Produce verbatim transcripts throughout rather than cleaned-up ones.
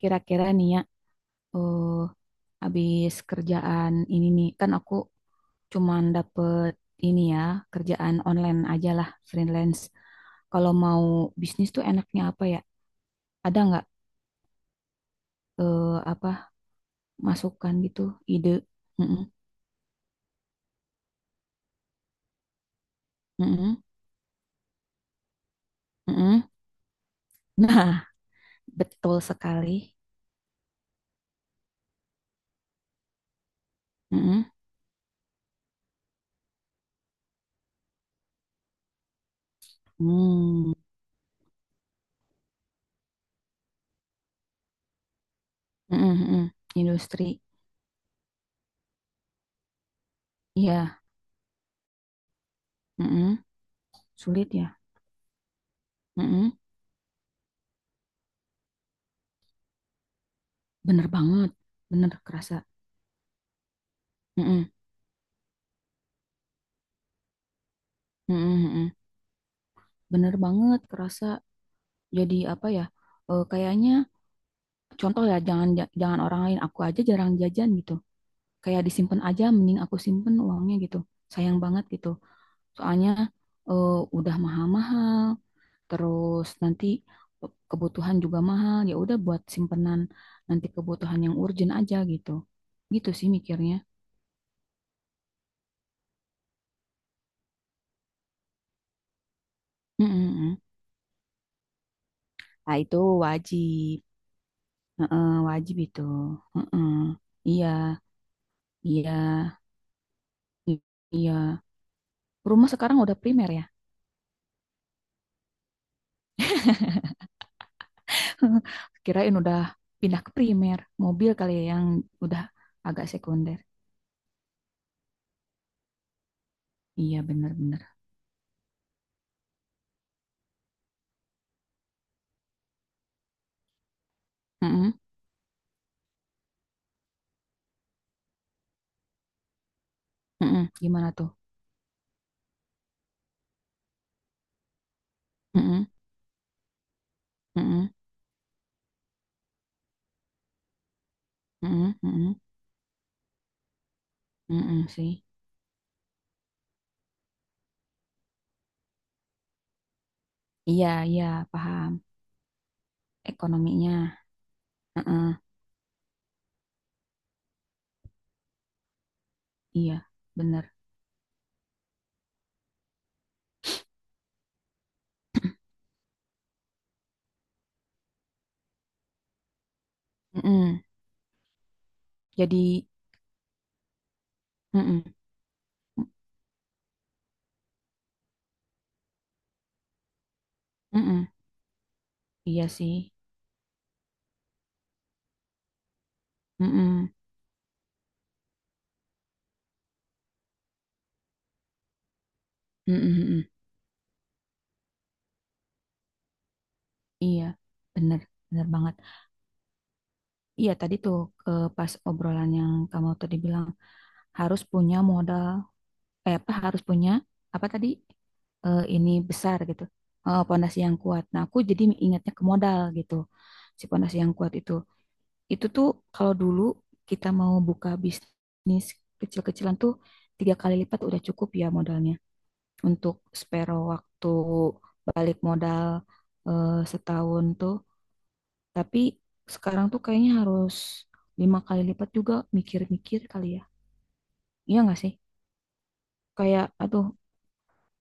Kira-kira nih ya, eh habis kerjaan ini nih, kan aku cuman dapet ini ya, kerjaan online aja lah, freelance. Kalau mau bisnis tuh enaknya apa ya? Ada nggak eh apa masukan gitu, ide? Mm-mm, mm-mm, mm-mm. Nah, betul sekali. Mm-mm. Hmm, mm-mm, mm-mm. Industri, iya, mm-mm. Sulit ya, mm-mm. Bener banget, bener kerasa. Mm-mm, mm-mm, mm-mm. Bener banget, kerasa jadi apa ya? eh, kayaknya contoh ya, jangan ja- jangan orang lain, aku aja jarang jajan gitu. Kayak disimpan aja, mending aku simpen uangnya gitu. Sayang banget gitu. Soalnya eh, udah mahal-mahal, terus nanti pe- kebutuhan juga mahal. Ya udah buat simpenan nanti kebutuhan yang urgent aja gitu. Gitu sih mikirnya. Mm-mm-mm. Nah itu wajib, heeh, wajib itu. Heeh. Iya, iya, i- iya. Rumah sekarang udah primer ya. Kirain udah pindah ke primer. Mobil kali ya yang udah agak sekunder. Iya bener-bener. Mm-mm, mm-mm. Gimana tuh? Mm-mm, mm-mm, mm-mm, mm-mm, mm-mm sih. Iya, iya, paham. Ekonominya. Mm-mm, iya, bener. Mm-mm. Jadi, mm-mm, mm-mm. Iya sih. Mm-mm, mm-mm, mm-mm. Iya, bener. Bener banget. Iya, tadi tuh eh, pas obrolan yang kamu tadi bilang harus punya modal, eh, apa harus punya apa tadi, eh, ini besar gitu, eh, pondasi yang kuat, nah aku jadi ingatnya ke modal gitu. Si pondasi yang kuat itu itu tuh kalau dulu kita mau buka bisnis kecil-kecilan tuh tiga kali lipat udah cukup ya modalnya untuk spare waktu balik modal eh, setahun tuh, tapi sekarang tuh kayaknya harus lima kali lipat juga mikir-mikir kali ya, iya nggak sih, kayak aduh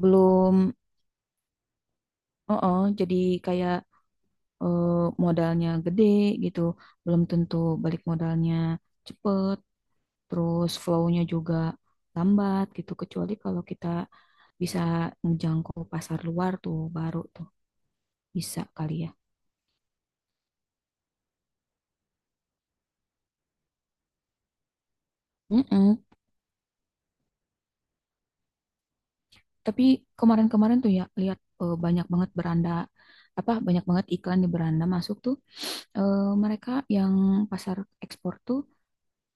belum. Oh, oh, jadi kayak eh, modalnya gede gitu, belum tentu balik modalnya cepet, terus flow-nya juga lambat gitu, kecuali kalau kita bisa menjangkau pasar luar tuh baru tuh bisa kali ya. Mm-mm. Tapi kemarin-kemarin tuh ya lihat eh, banyak banget beranda, apa banyak banget iklan di beranda masuk tuh, eh, mereka yang pasar ekspor tuh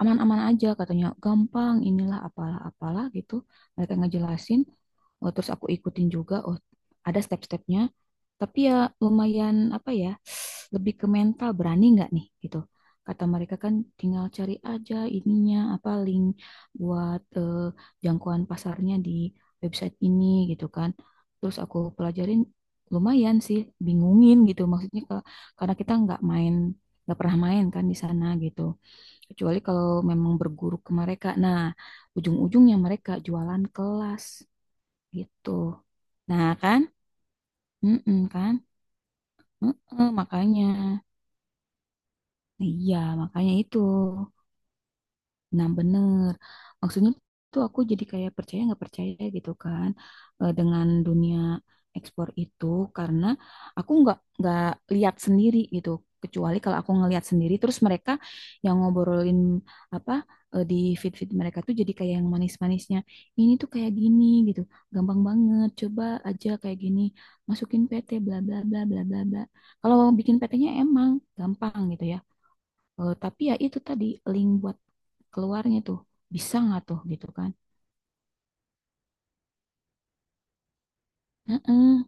aman-aman aja katanya, gampang inilah apalah apalah gitu, mereka ngejelasin. Oh, terus aku ikutin juga. Oh, ada step-stepnya, tapi ya lumayan apa ya, lebih ke mental berani nggak nih gitu. Kata mereka kan tinggal cari aja ininya apa link buat eh, jangkauan pasarnya di website ini gitu kan. Terus aku pelajarin lumayan sih, bingungin gitu maksudnya ke- karena kita nggak main, nggak pernah main kan di sana gitu. Kecuali kalau memang berguru ke mereka. Nah, ujung-ujungnya mereka jualan kelas gitu. Nah kan, mm kan. Heeh, makanya. Nah, iya, makanya itu. Nah, bener. Maksudnya tuh aku jadi kayak percaya nggak percaya gitu kan, eh, dengan dunia ekspor itu karena aku nggak nggak lihat sendiri gitu. Kecuali kalau aku ngelihat sendiri, terus mereka yang ngobrolin apa, eh, di feed-feed mereka tuh jadi kayak yang manis-manisnya. Ini tuh kayak gini gitu, gampang banget. Coba aja kayak gini, masukin P T bla bla bla bla bla bla. Kalau bikin P T-nya emang gampang gitu ya. Eh, tapi ya itu tadi link buat keluarnya tuh bisa nggak tuh gitu kan? Heeh,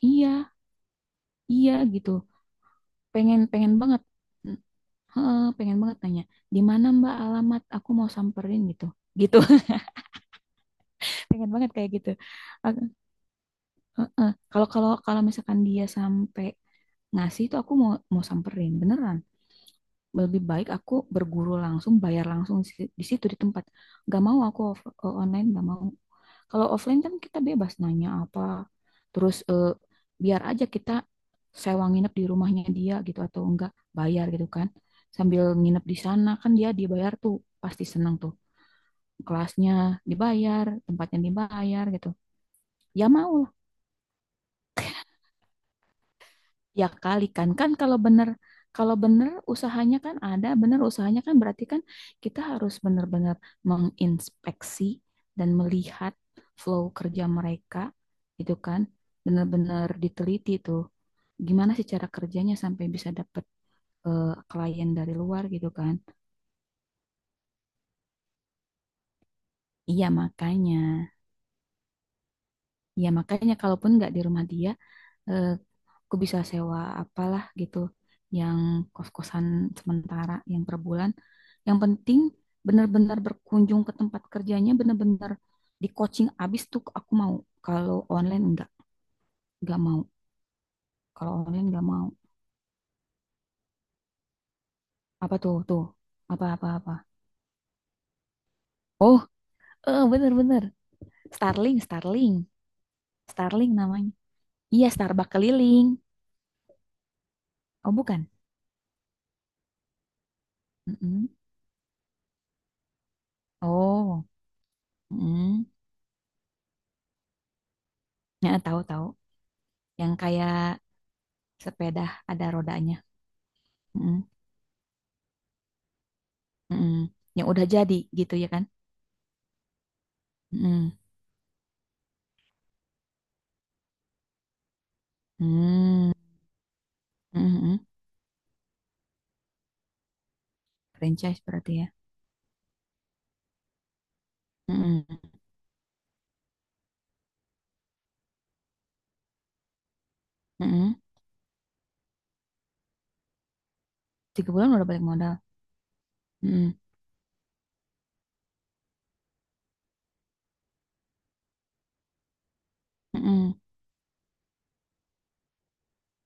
iya, iya gitu. Pengen pengen banget, mm, heeh, pengen banget nanya di mana Mbak alamat, aku mau samperin gitu, gitu. Pengen banget kayak gitu. Ak- Heeh. Kalau kalau kalau misalkan dia sampai ngasih itu aku mau mau samperin beneran. Lebih baik aku berguru langsung, bayar langsung si- di situ di tempat. Gak mau aku off- online, gak mau. Kalau offline kan kita bebas nanya apa. Terus eh, biar aja kita sewa nginep di rumahnya dia gitu atau enggak bayar gitu kan. Sambil nginep di sana kan dia dibayar tuh pasti senang tuh. Kelasnya dibayar, tempatnya dibayar gitu. Ya mau. Ya kalikan kan kan kalau bener kalau bener usahanya kan ada, bener usahanya kan berarti kan kita harus bener-bener menginspeksi dan melihat flow kerja mereka gitu kan. Bener-bener diteliti tuh. Gimana sih cara kerjanya sampai bisa dapet eh, klien dari luar gitu kan. Iya makanya. Iya makanya kalaupun nggak di rumah dia, eh, aku bisa sewa apalah gitu yang kos-kosan sementara yang per bulan, yang penting benar-benar berkunjung ke tempat kerjanya, benar-benar di coaching abis tuh aku mau. Kalau online enggak enggak mau. Kalau online enggak mau. Apa tuh tuh apa apa apa. Oh, eh bener-bener Starling, Starling Starling namanya, iya, Starbucks keliling. Oh bukan. Mm-mm. Oh, mm. Ya, tahu tahu yang kayak sepeda ada rodanya. Mm. Mm-mm. Yang udah jadi gitu ya kan? Mm-mm. Hmm. Mm-mm. Franchise berarti ya. Mm-mm. Mm-mm. Tiga bulan udah balik modal. Mm-mm. Mm-mm.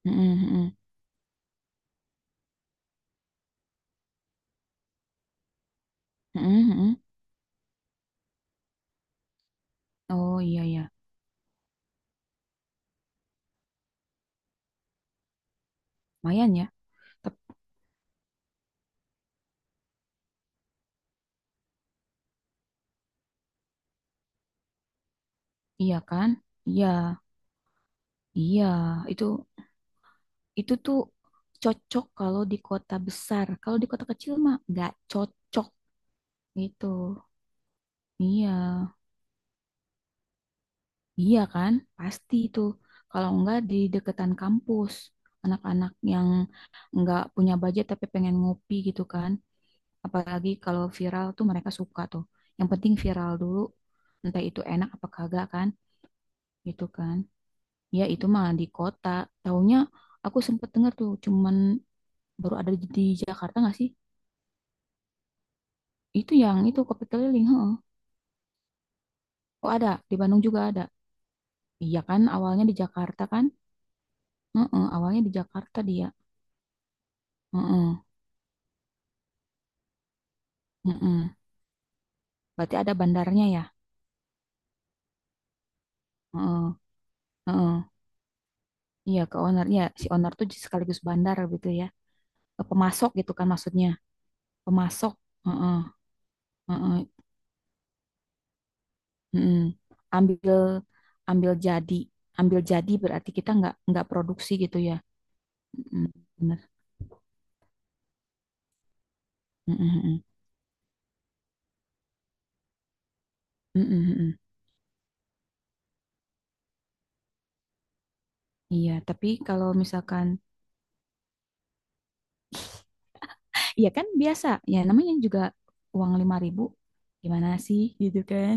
Mm-mm. Mm-mm. Mm-mm. Mm-mm. Oh iya ya, lumayan ya. Tapi iya kan? Iya, iya. Itu itu tuh cocok kalau di kota besar. Kalau di kota kecil mah nggak cocok gitu. Iya. Iya kan? Pasti itu. Kalau enggak di deketan kampus, anak-anak yang enggak punya budget tapi pengen ngopi gitu kan. Apalagi kalau viral tuh mereka suka tuh. Yang penting viral dulu, entah itu enak apa kagak kan, gitu kan. Ya itu mah di kota. Taunya aku sempet denger tuh, cuman baru ada di di Jakarta nggak sih? Itu yang itu kopi keliling, heeh. Oh ada, di Bandung juga ada. Iya kan, awalnya di Jakarta kan? Heeh, awalnya di Jakarta dia. Heeh. Mm-mm. Berarti ada bandarnya ya? Heeh, heeh, Iya ke owner. Iya, si owner tuh sekaligus bandar gitu ya. Eh, Pemasok gitu kan maksudnya. Pemasok. Heeh, heeh, heeh. Ambil ambil jadi. Ambil jadi berarti kita nggak nggak produksi gitu ya. Mm, bener. Mm, mm, mm, mm, mm, mm. Iya, tapi kalau misalkan iya kan biasa ya namanya juga uang lima ribu gimana sih gitu kan.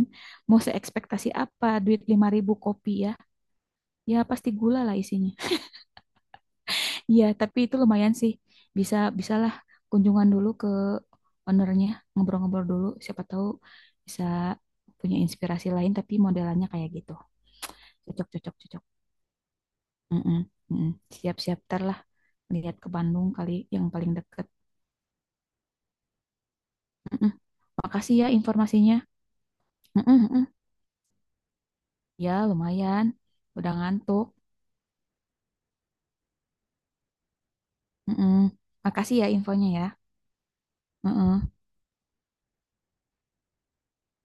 Mau seekspektasi apa duit lima ribu kopi ya? Ya pasti gula lah isinya. Iya, tapi itu lumayan sih. Bisa bisalah kunjungan dulu ke ownernya, ngobrol-ngobrol dulu. Siapa tahu bisa punya inspirasi lain, tapi modelannya kayak gitu. Cocok, cocok, cocok. Mm-mm, mm-mm. Siap-siap ter lah. Lihat ke Bandung kali yang paling deket. Mm-mm. Makasih ya informasinya. Mm-mm, mm-mm. Ya, lumayan. Udah ngantuk. Mm-mm. Makasih ya infonya ya. Mm-mm.